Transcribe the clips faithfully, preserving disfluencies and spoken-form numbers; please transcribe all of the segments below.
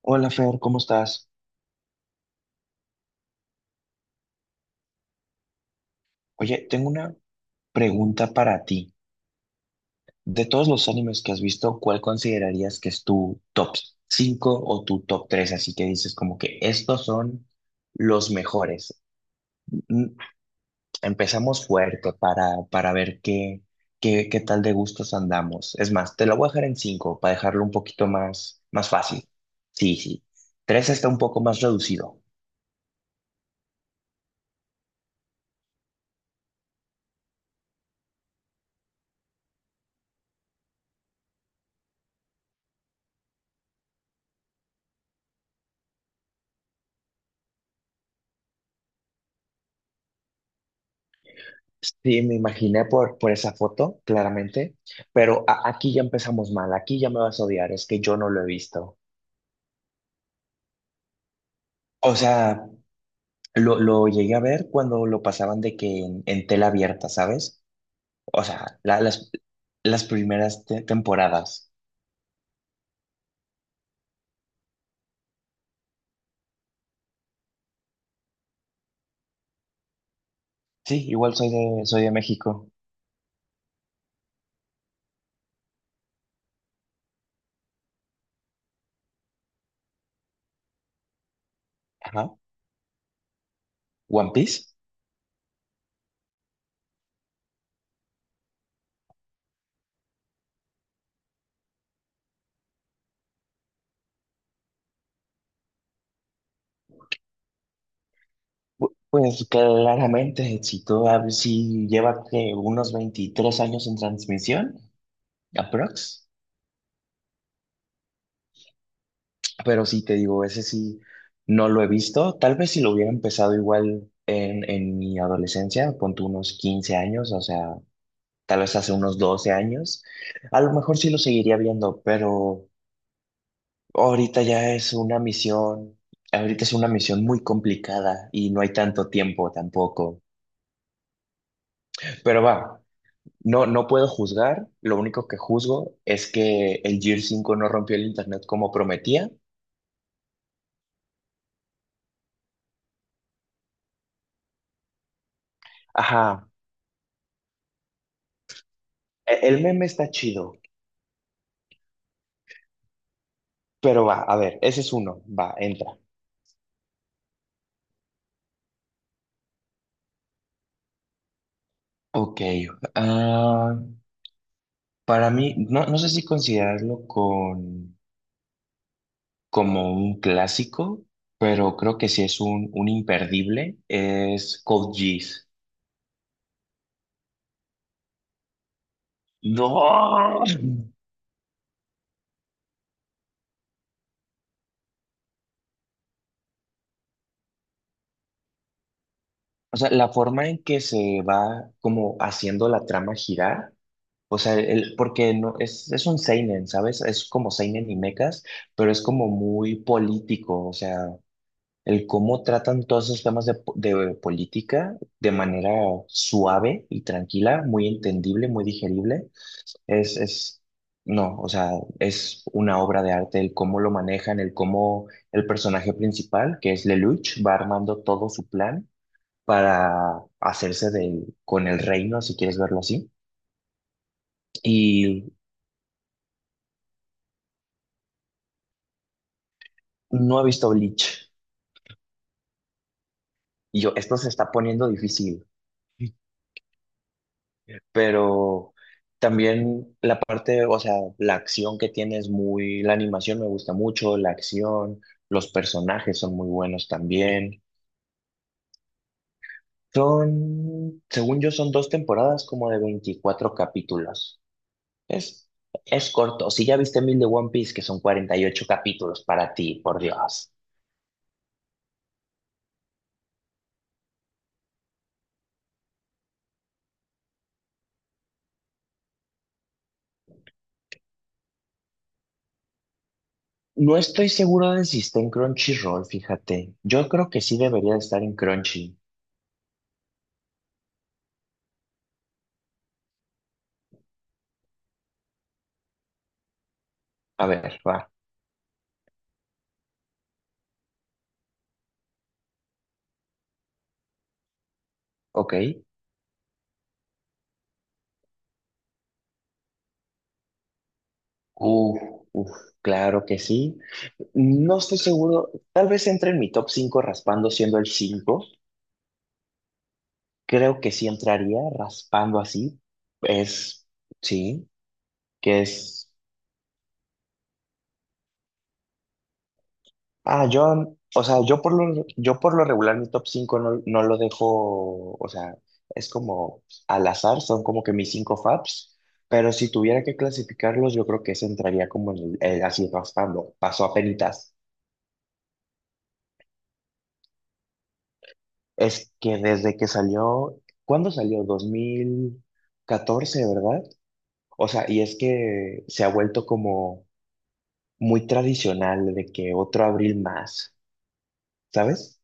Hola Fer, ¿cómo estás? Oye, tengo una pregunta para ti. De todos los animes que has visto, ¿cuál considerarías que es tu top cinco o tu top tres? Así que dices como que estos son los mejores. Mm, Empezamos fuerte para, para ver qué, qué, qué tal de gustos andamos. Es más, te lo voy a dejar en cinco para dejarlo un poquito más, más fácil. Sí, sí. Tres está un poco más reducido. Sí, me imaginé por, por esa foto, claramente, pero a- aquí ya empezamos mal, aquí ya me vas a odiar, es que yo no lo he visto. O sea, lo, lo llegué a ver cuando lo pasaban de que en, en tela abierta, ¿sabes? O sea, la- las, las primeras te- temporadas. Sí, igual soy de, soy de México. Ajá. ¿One Piece? Pu- Pues claramente, si, tú, si lleva que unos veintitrés años en transmisión, aprox. Pero sí, te digo, ese sí no lo he visto. Tal vez si lo hubiera empezado igual en, en mi adolescencia, ponte unos quince años, o sea, tal vez hace unos doce años, a lo mejor sí lo seguiría viendo, pero ahorita ya es una misión, ahorita es una misión muy complicada y no hay tanto tiempo tampoco. Pero va, no, no puedo juzgar, lo único que juzgo es que el Gear cinco no rompió el internet como prometía. Ajá, e- el meme está chido. Pero va, a ver, ese es uno. Va, entra. Ok. ah, para mí, no, no sé si considerarlo con, como un clásico, pero creo que sí es un, un imperdible. Es Code Geass. ¡No! O sea, la forma en que se va como haciendo la trama girar, o sea, el, porque no, es, es un seinen, ¿sabes? Es como seinen y mechas, pero es como muy político, o sea, el cómo tratan todos esos temas de, po- de política de manera suave y tranquila, muy entendible, muy digerible, es, es, no, o sea, es una obra de arte el cómo lo manejan, el cómo el personaje principal, que es Lelouch, va armando todo su plan para hacerse del, con el reino, si quieres verlo así. Y no he visto Bleach. Y yo, esto se está poniendo difícil. Pero también la parte, o sea, la acción que tiene es muy, la animación me gusta mucho, la acción, los personajes son muy buenos también. Son, según yo, son dos temporadas como de veinticuatro capítulos. Es, es corto. Si ya viste mil de One Piece, que son cuarenta y ocho capítulos para ti, por Dios. No estoy seguro de si está en Crunchyroll, fíjate. Yo creo que sí debería de estar en Crunchy. A ver, va. Ok. Uf, uf, claro que sí. No estoy seguro, tal vez entre en mi top cinco raspando siendo el cinco. Creo que sí entraría raspando así. Es, sí, que es. Ah, yo, o sea, yo por lo, yo por lo regular mi top cinco no, no lo dejo, o sea, es como al azar, son como que mis cinco faps, pero si tuviera que clasificarlos, yo creo que ese entraría como en el, el así raspando, paso a. Es que desde que salió, ¿cuándo salió? Dos mil catorce, ¿verdad? O sea, y es que se ha vuelto como muy tradicional de que otro abril más, ¿sabes?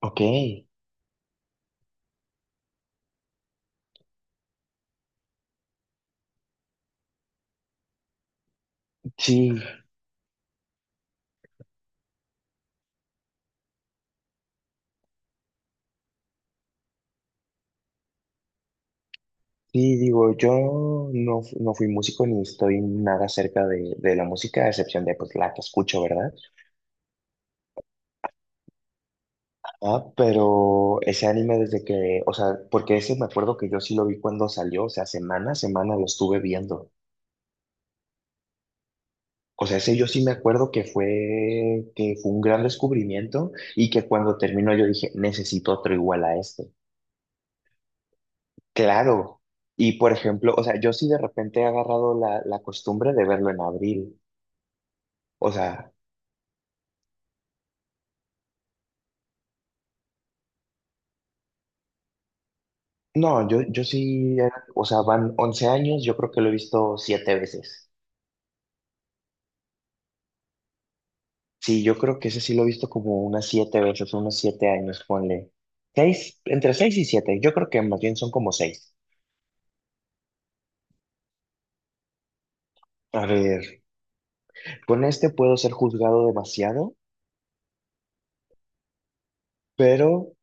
Ok, sí, sí, digo, yo no, fu- no fui músico ni estoy nada cerca de, de la música, a excepción de pues la que escucho, ¿verdad? Ah, pero ese anime desde que, o sea, porque ese me acuerdo que yo sí lo vi cuando salió, o sea, semana a semana lo estuve viendo. O sea, ese yo sí me acuerdo que fue, que fue, un gran descubrimiento y que cuando terminó yo dije, necesito otro igual a este. Claro. Y por ejemplo, o sea, yo sí de repente he agarrado la, la costumbre de verlo en abril. O sea, no, yo, yo sí, era- o sea, van once años, yo creo que lo he visto siete veces. Sí, yo creo que ese sí lo he visto como unas siete veces, unos siete años, ponle. Seis, entre seis y siete, yo creo que más bien son como seis. A ver, con este puedo ser juzgado demasiado. Pero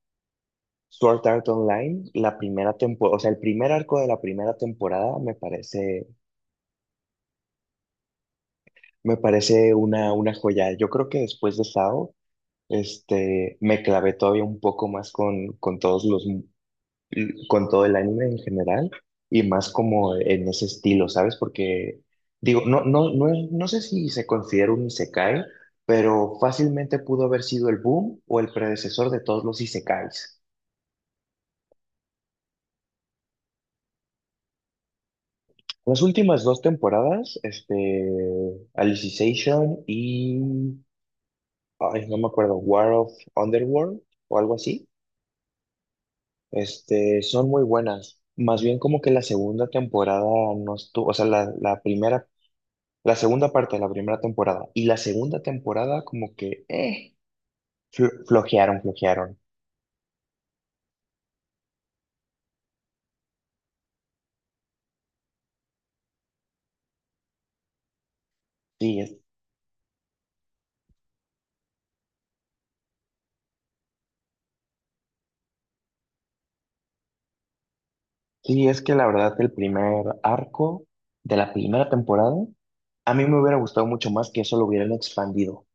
Sword Art Online, la primera temporada, o sea, el primer arco de la primera temporada me parece, me parece una, una joya. Yo creo que después de Sao, este, me clavé todavía un poco más con, con todos los, con todo el anime en general y más como en ese estilo, ¿sabes? Porque digo, no, no, no, es- no sé si se considera un isekai, pero fácilmente pudo haber sido el boom o el predecesor de todos los isekais. Las últimas dos temporadas, este, Alicization y, ay, no me acuerdo, War of Underworld o algo así, este, son muy buenas. Más bien como que la segunda temporada no estuvo, o sea, la, la primera, la segunda parte de la primera temporada y la segunda temporada como que, eh, flo- flojearon, flojearon. Sí, es, sí, es que la verdad el primer arco de la primera temporada, a mí me hubiera gustado mucho más que eso lo hubieran expandido.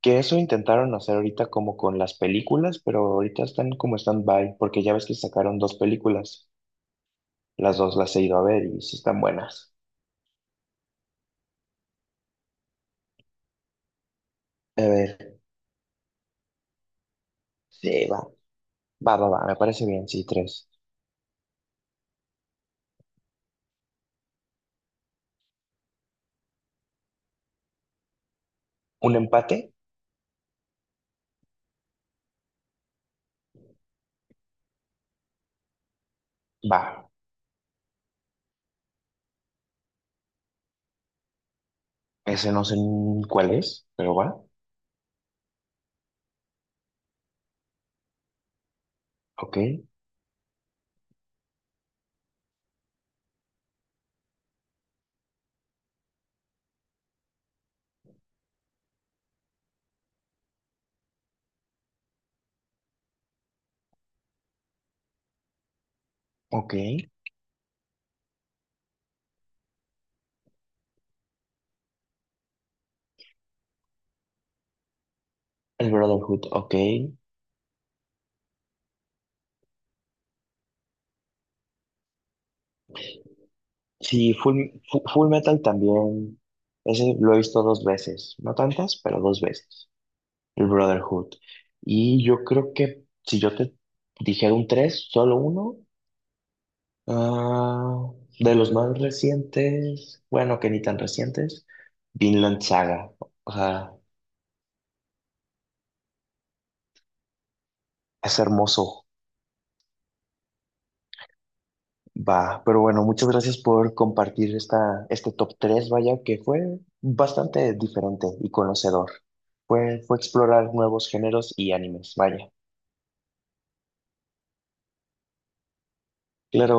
Que eso intentaron hacer ahorita como con las películas, pero ahorita están como stand-by, porque ya ves que sacaron dos películas. Las dos las he ido a ver y sí están buenas. A ver, sí, va, va, va, va, me parece bien, sí, tres. ¿Un empate? Va. Ese no sé ni cuál es, pero va. Ok, ok. El Brotherhood, ok. Sí, Full, Fu- Full Metal también. Ese lo he visto dos veces, no tantas, pero dos veces. El Brotherhood. Y yo creo que si yo te dijera un tres, solo uno, ah, de los más recientes, bueno, que ni tan recientes, Vinland Saga. O sea, es hermoso. Va, pero bueno, muchas gracias por compartir esta, este top tres vaya, que fue bastante diferente y conocedor. Fue, fue explorar nuevos géneros y animes, vaya. Claro.